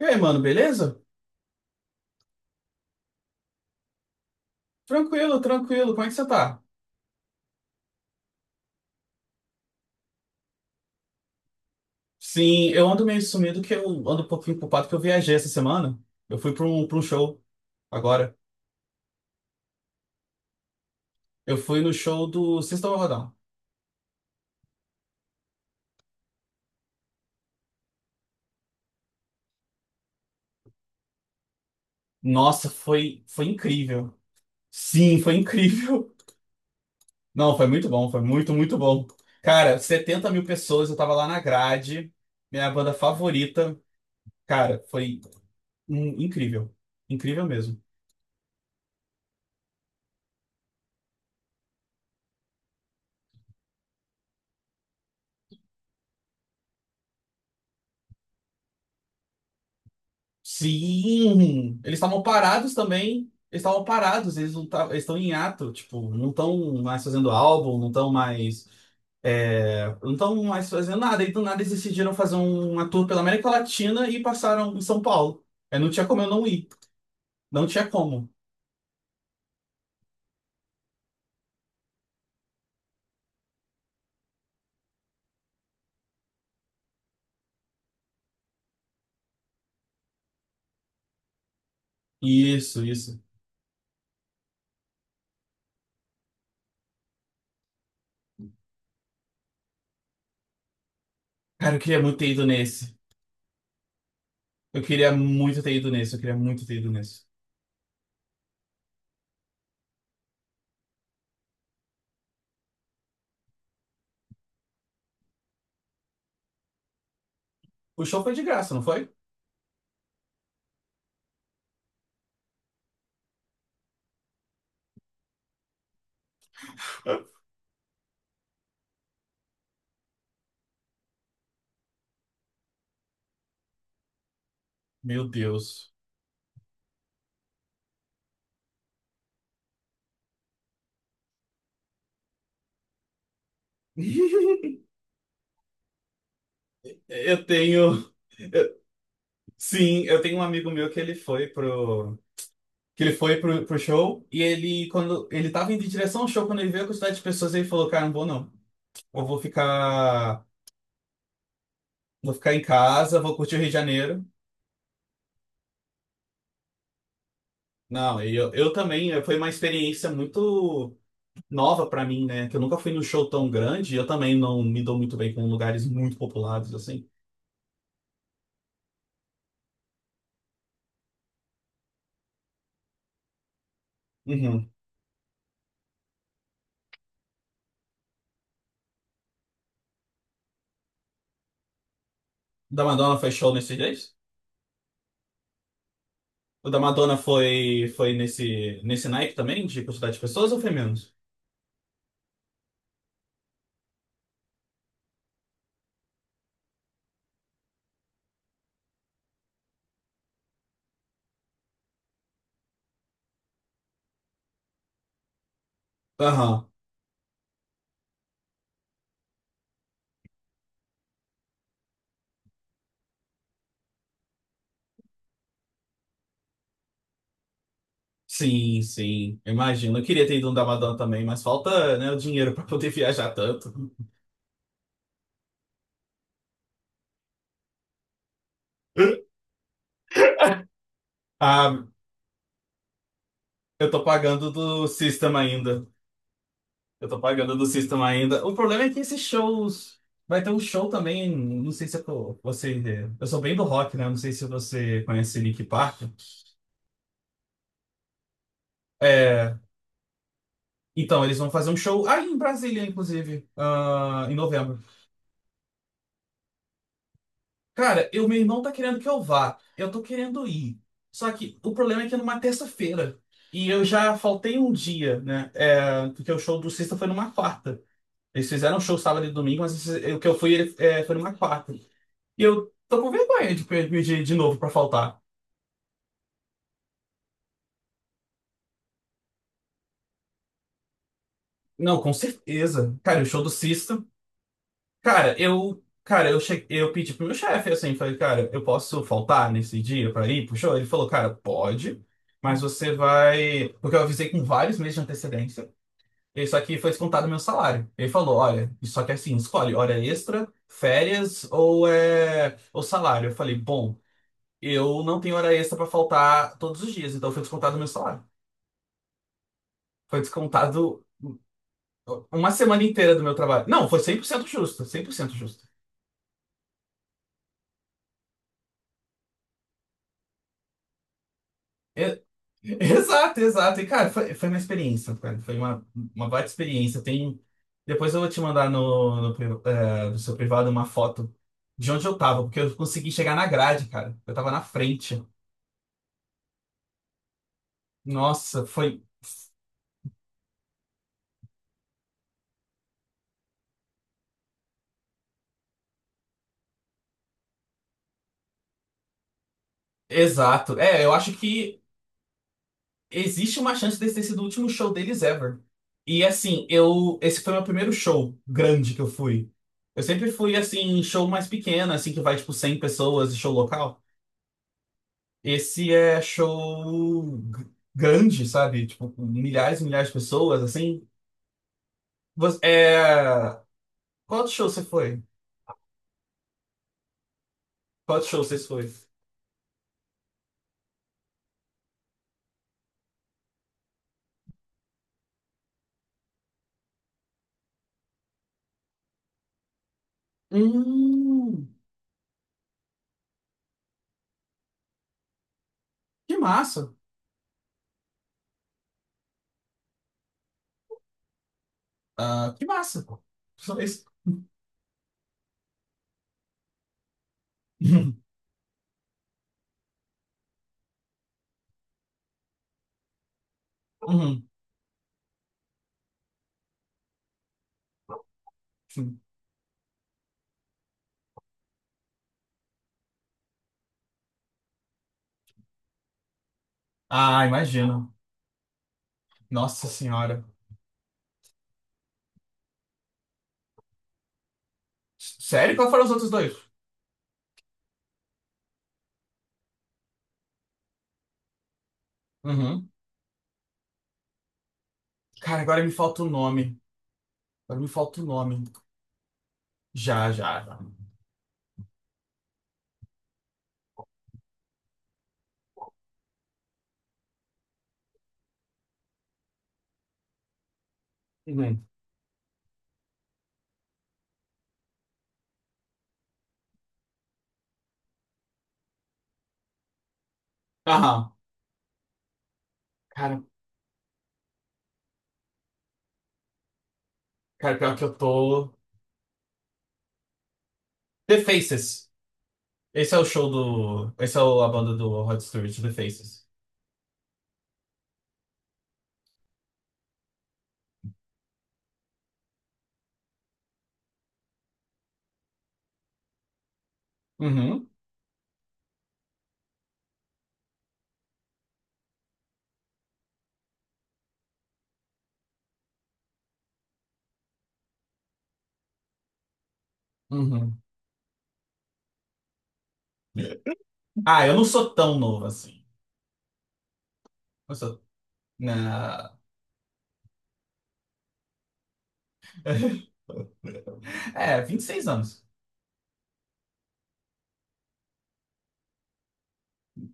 E aí, mano, beleza? Tranquilo, tranquilo. Como é que você tá? Sim, eu ando meio sumido que eu ando um pouquinho culpado que eu viajei essa semana. Eu fui pra um show agora. Eu fui no show do System of a Down. Nossa, foi incrível. Sim, foi incrível. Não, foi muito bom, foi muito, muito bom. Cara, 70 mil pessoas, eu tava lá na grade, minha banda favorita. Cara, foi incrível. Incrível mesmo. Sim, eles estavam parados também. Eles estavam parados, eles não tavam- eles estão em ato, tipo, não estão mais fazendo álbum, não estão mais, não estão mais fazendo nada. E do nada eles decidiram fazer uma tour pela América Latina e passaram em São Paulo. É, não tinha como eu não ir, não tinha como. Isso, isso. Cara, eu queria muito ter ido nesse. Eu queria muito ter ido nesse, eu queria muito ter ido nesse. O show foi de graça, não foi? Meu Deus. Eu tenho. Sim, eu tenho um amigo meu que ele foi pro show e ele quando ele tava indo em direção ao show quando ele viu a quantidade de pessoas ele falou, cara, não vou não. Eu vou ficar em casa, vou curtir o Rio de Janeiro. Não, e eu também, foi uma experiência muito nova pra mim, né? Que eu nunca fui num show tão grande, e eu também não me dou muito bem com lugares muito populados assim. Uhum. O da Madonna foi show nesses dias? O da Madonna foi nesse naipe também de quantidade de pessoas ou foi menos? Aham. Sim, sim. Eu imagino. Eu queria ter ido no da Madonna também, mas falta, né, o dinheiro para poder viajar tanto. Ah, eu tô pagando do System ainda. Eu tô pagando do System ainda. O problema é que esses shows. Vai ter um show também. Não sei se você. Eu sou bem do rock, né? Não sei se você conhece Linkin Park. É, então, eles vão fazer um show aí em Brasília, inclusive, em novembro. Cara, meu irmão tá querendo que eu vá. Eu tô querendo ir. Só que o problema é que é numa terça-feira. E eu já faltei um dia, né? É, porque o show do Sista foi numa quarta. Eles fizeram um show sábado e domingo, mas o que eu fui foi numa quarta. E eu tô com vergonha de pedir de novo pra faltar. Não, com certeza. Cara, o show do Sista cara, eu cheguei, eu pedi pro meu chefe assim, falei, cara, eu posso faltar nesse dia pra ir pro show? Ele falou, cara, pode, mas você vai, porque eu avisei com vários meses de antecedência. Isso aqui foi descontado do meu salário. Ele falou, olha, isso aqui é assim, escolhe hora extra, férias ou é ou salário. Eu falei, bom, eu não tenho hora extra pra faltar todos os dias, então foi descontado do meu salário. Foi descontado uma semana inteira do meu trabalho. Não, foi 100% justo, 100% justo. E- Exato, exato. E, cara, foi uma experiência, cara. Foi uma baita experiência. Depois eu vou te mandar no seu privado uma foto de onde eu tava, porque eu consegui chegar na grade, cara. Eu tava na frente. Nossa, foi. Exato. É, eu acho que existe uma chance desse ter sido o último show deles ever. E assim, eu. Esse foi o meu primeiro show grande que eu fui. Eu sempre fui, assim, em show mais pequeno, assim, que vai, tipo, 100 pessoas, show local. Esse é show grande, sabe? Tipo, com milhares e milhares de pessoas, assim. Você, é... Qual outro show você foi? Qual outro show vocês foi? Hum, que massa. Ah, que massa, pô. Só isso. Uhum. Sim. Ah, imagino. Nossa senhora. Sério? Qual foram os outros dois? Uhum. Cara, agora me falta o nome. Agora me falta o nome. Já, já, já. Uhum. Aham. Cara, cara, pior que eu tô... The Faces. Esse é o show do. Esse é a banda do Rod Stewart, The Faces. Uhum, uhum. Ah, eu não sou tão novo assim. Eu sou. Na... É, 26 anos.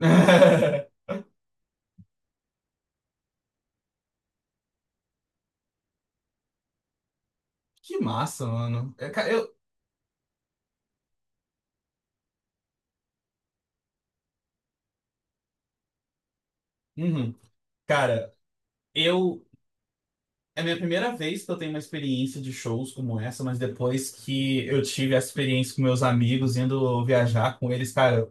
Que massa, mano. Uhum. cara, eu. É a minha primeira vez que eu tenho uma experiência de shows como essa, mas depois que eu tive essa experiência com meus amigos, indo viajar com eles, cara,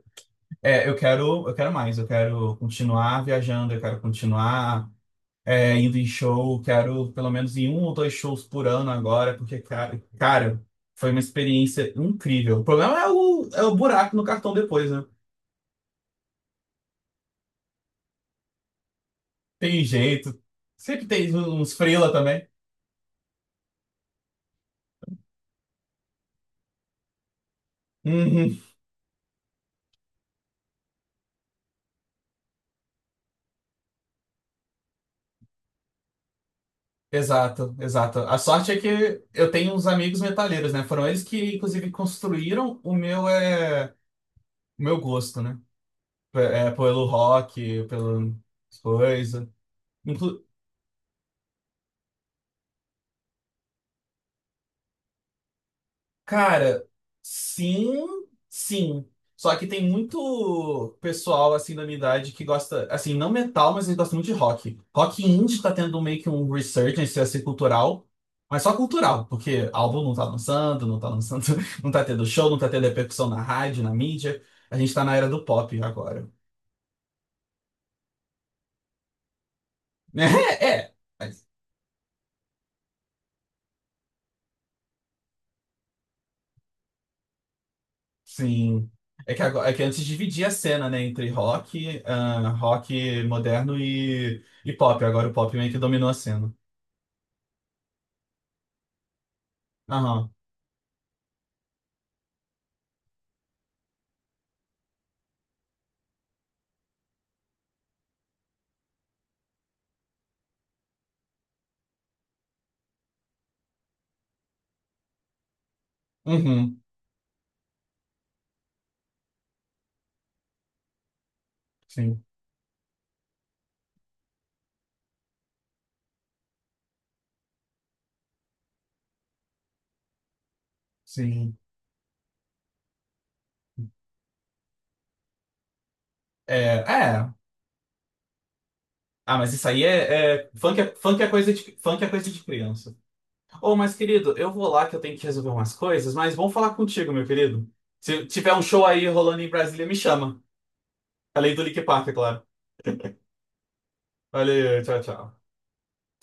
eu quero mais, eu quero continuar viajando, eu quero continuar. Indo em um show, quero pelo menos em um ou dois shows por ano agora, porque, cara, foi uma experiência incrível. O problema é é o buraco no cartão depois, né? Tem jeito. Sempre tem uns freela também. Uhum. Exato, exato. A sorte é que eu tenho uns amigos metaleiros, né? Foram eles que, inclusive, construíram o meu gosto, né? É, pelo rock, pelo coisa. Cara, sim, sim. Só que tem muito pessoal assim da minha idade que gosta, assim, não metal, mas eles gostam muito de rock. Rock indie tá tendo meio que um resurgence assim cultural, mas só cultural, porque álbum não tá lançando, não tá lançando, não tá tendo show, não tá tendo repercussão na rádio, na mídia. A gente tá na era do pop agora. É, é. Sim. É que, agora, é que antes dividia a cena, né, entre rock, rock moderno e pop. Agora o pop meio que dominou a cena. Aham. Uhum. Sim, sim. É, é. Ah, mas isso aí é, funk, é. Funk é coisa de criança. Ô, mas querido, eu vou lá que eu tenho que resolver umas coisas, mas vamos falar contigo, meu querido. Se tiver um show aí rolando em Brasília, me chama. Além do Linkin Park, é claro. Valeu, tchau, tchau.